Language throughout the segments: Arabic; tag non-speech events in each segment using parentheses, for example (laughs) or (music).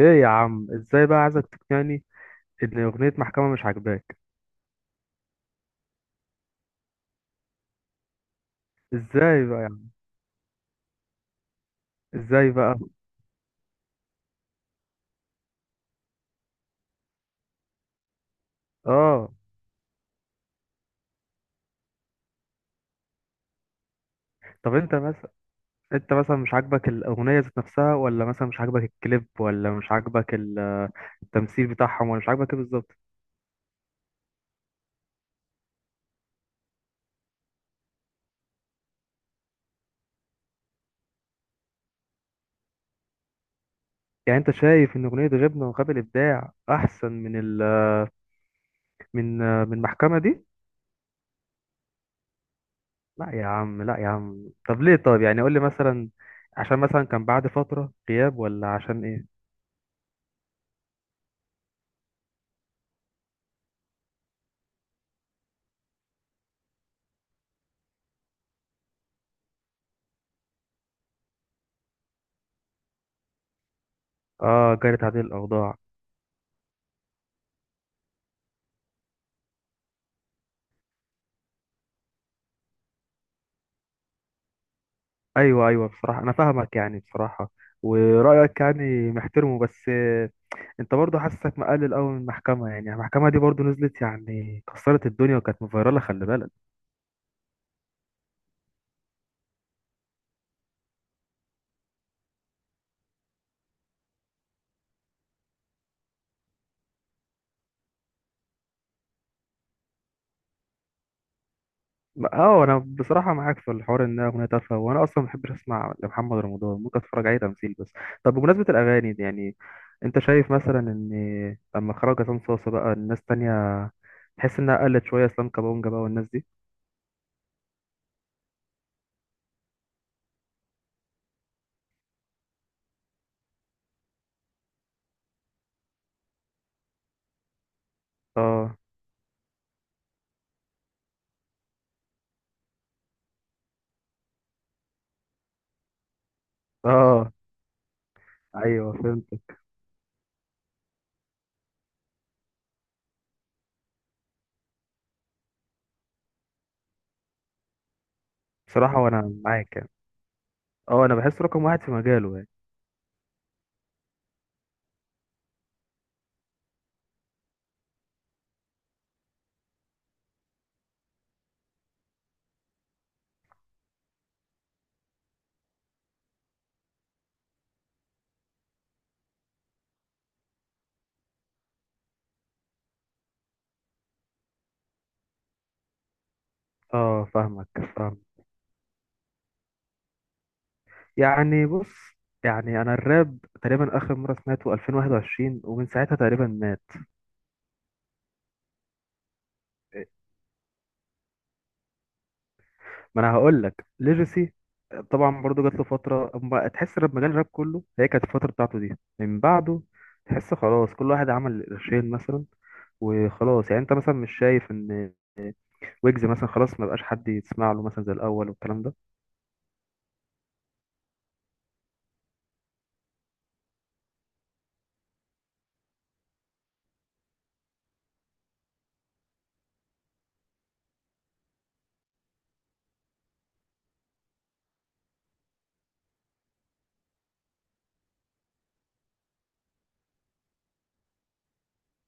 ايه يا عم، ازاي بقى عايزك تقنعني ان اغنية محكمة مش عاجباك؟ ازاي بقى يا عم؟ ازاي بقى؟ اه. طب انت مثلا، انت مثلا مش عاجبك الاغنية ذات نفسها، ولا مثلا مش عاجبك الكليب، ولا مش عاجبك التمثيل بتاعهم، ولا مش عاجبك ايه بالظبط؟ يعني انت شايف ان اغنية غبنة وغاب الابداع احسن من ال من من المحكمة دي؟ لا يا عم، لا يا عم. طب ليه؟ طب يعني قول لي مثلا، عشان مثلا كان بعد فترة غياب ولا عشان ايه؟ اه، جرت هذه الاوضاع. ايوه ايوه، بصراحه انا فاهمك يعني، بصراحه ورايك يعني محترمه، بس انت برضه حاسسك مقلل قوي من المحكمه. يعني المحكمه دي برضه نزلت يعني كسرت الدنيا وكانت مفيرله، خلي بالك. اه، انا بصراحه معاك في الحوار انها اغنيه تافهه، وانا اصلا ما بحبش اسمع لمحمد رمضان، ممكن اتفرج عليه تمثيل بس. طب بمناسبه الاغاني دي يعني، انت شايف مثلا ان لما خرج عصام صاصا بقى الناس تانية تحس انها قلت شويه؟ اسلام كابونجا بقى والناس دي. اه. اه. ايوه فهمت. بصراحه وانا معاك يعني. اه، انا بحس رقم واحد في مجاله يعني. اه، فاهمك. فاهم. يعني بص، يعني انا الراب تقريبا اخر مره سمعته 2021، ومن ساعتها تقريبا مات. ما انا هقول لك ليجاسي. طبعا برضو جات له فتره اما تحس الراب، مجال الراب كله هي كانت الفتره بتاعته دي. من بعده تحس خلاص كل واحد عمل قرشين مثلا وخلاص. يعني انت مثلا مش شايف ان ويجز مثلا خلاص ما بقاش حد يسمع له مثلا زي الاول والكلام ده؟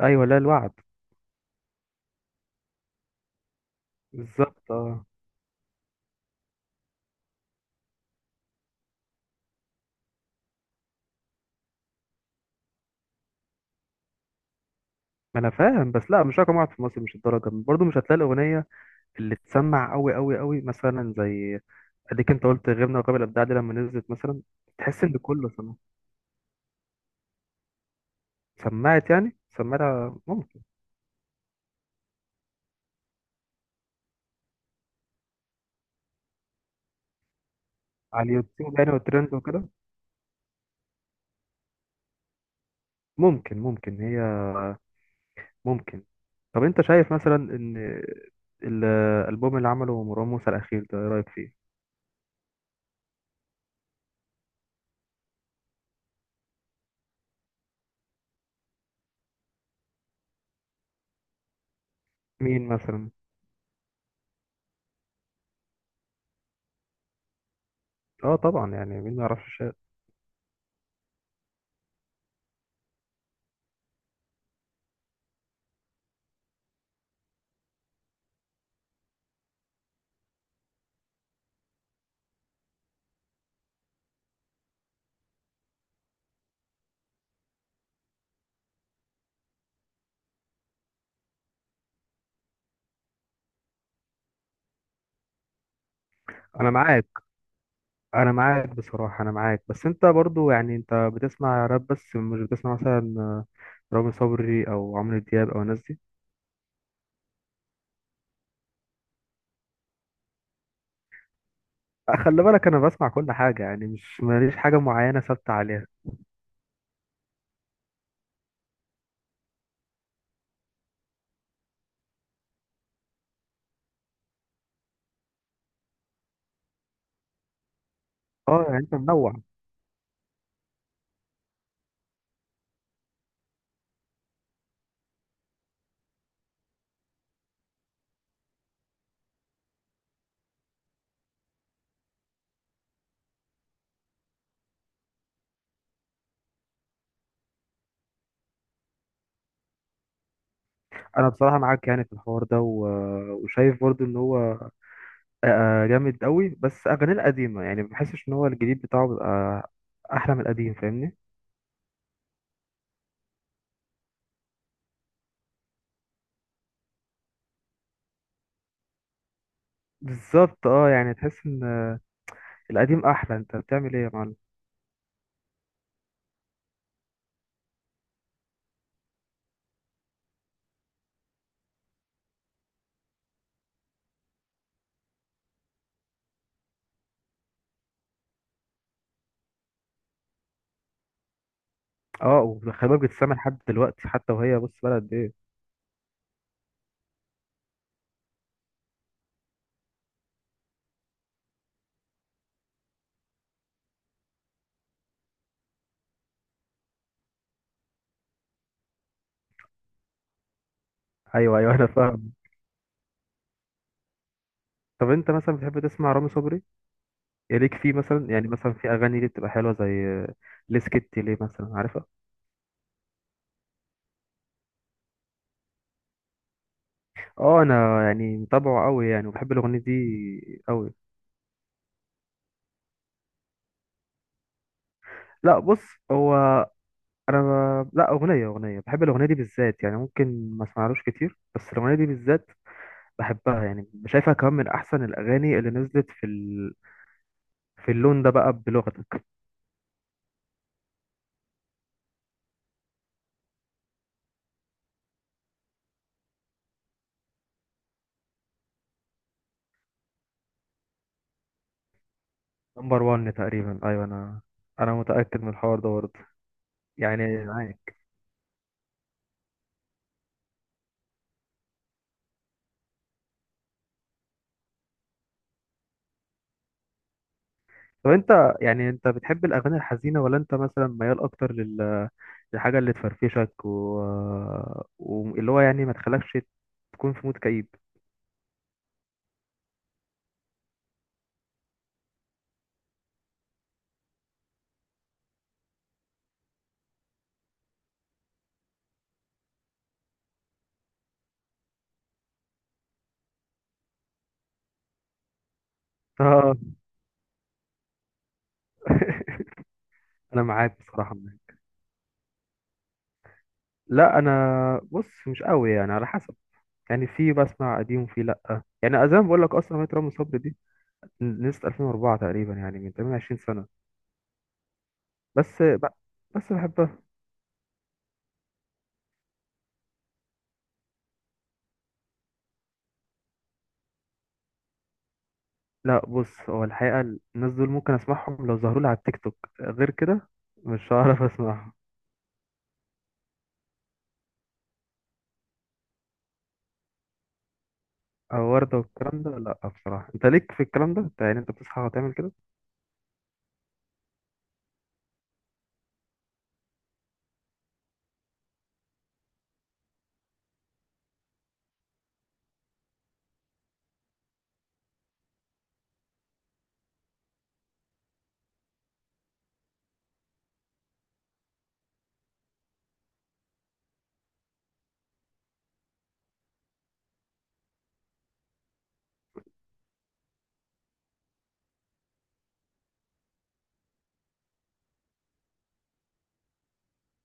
ايوه، لا الوعد. بالظبط، آه. ما انا فاهم، بس لا مش رقم واحد في مصر، مش الدرجه، برضه مش هتلاقي الاغنيه اللي تسمع قوي قوي قوي، مثلا زي، اديك انت قلت غيرنا وقابل الابداع دي لما نزلت مثلا تحس ان كله سمع. سمعت يعني، سمعتها ممكن على اليوتيوب يعني والترند وكده. ممكن، ممكن هي، ممكن. طب انت شايف مثلا ان الالبوم اللي عمله مروان موسى الاخير ده، ايه رايك فيه؟ مين مثلا؟ اه طبعا، يعني مين ما يعرفش الشعر؟ انا معاك، انا معاك بصراحه، انا معاك. بس انت برضو يعني انت بتسمع راب بس؟ مش بتسمع مثلا رامي صبري او عمرو دياب او الناس دي؟ خلي بالك، انا بسمع كل حاجه يعني، مش ماليش حاجه معينه ثابته عليها. اه يعني انت منوع. انا بصراحه معاك يعني في الحوار ده، وشايف برضو ان هو جامد قوي، بس اغانيه القديمه. يعني ما بحسش ان هو الجديد بتاعه بيبقى احلى من القديم، فاهمني؟ بالظبط، اه، يعني تحس ان القديم احلى. انت بتعمل ايه يا معلم؟ اه، وخلي بالك بتسمع لحد دلوقتي حتى وهي بص بلد ايه. ايوه ايوه، انا فاهم. طب انت مثلا بتحب تسمع رامي صبري؟ إيه ليك فيه مثلا؟ يعني مثلا في اغاني ليه بتبقى حلوه، زي ليه سكتي ليه مثلا، عارفها؟ اه، انا يعني متابعه قوي يعني، وبحب الاغنيه دي قوي. لا بص، هو انا لا اغنيه اغنيه، بحب الاغنيه دي بالذات يعني، ممكن ما اسمعلوش كتير بس الاغنيه دي بالذات بحبها يعني. شايفها كمان من احسن الاغاني اللي نزلت في اللون ده بقى، بلغتك. نمبر 1 تقريبا، ايوه. انا متاكد من الحوار ده برضه، يعني معاك. طب انت يعني انت بتحب الاغاني الحزينه، ولا انت مثلا ميال اكتر للحاجه اللي تفرفشك واللي هو يعني ما تخلكش تكون في مود كئيب؟ اه. (laughs) انا معاك، بصراحه معاك. لا انا بص، مش قوي يعني، على حسب. يعني في بسمع قديم وفي لا، يعني زي ما بقول لك اصلا اغنيه رامي صبري دي نزلت 2004 تقريبا، يعني من 28 سنه، بس ب... بس بحبها. لا بص، هو الحقيقه الناس دول ممكن اسمعهم لو ظهروا لي على التيك توك، غير كده مش هعرف اسمعهم. او وردة والكلام ده؟ لا بصراحة انت ليك في الكلام ده، انت يعني انت بتصحى وتعمل كده؟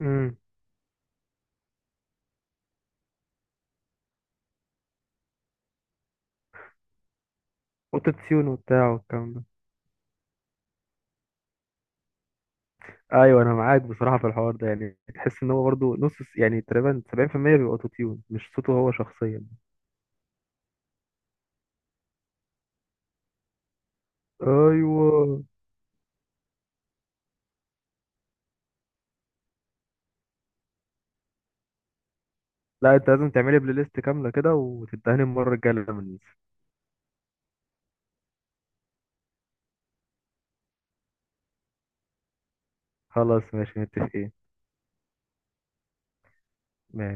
امم اوتوتيون وبتاع والكلام ده. ايوه، انا معاك بصراحة في الحوار ده، يعني تحس ان هو برضه نص، يعني تقريبا 70% بيبقى اوتوتيون، مش صوته هو شخصيا. ايوه. لا انت لازم تعملي بلاي ليست كاملة كده وتدهني المرة الجاية لما ننزل. خلاص ماشي، متفقين. ماشي.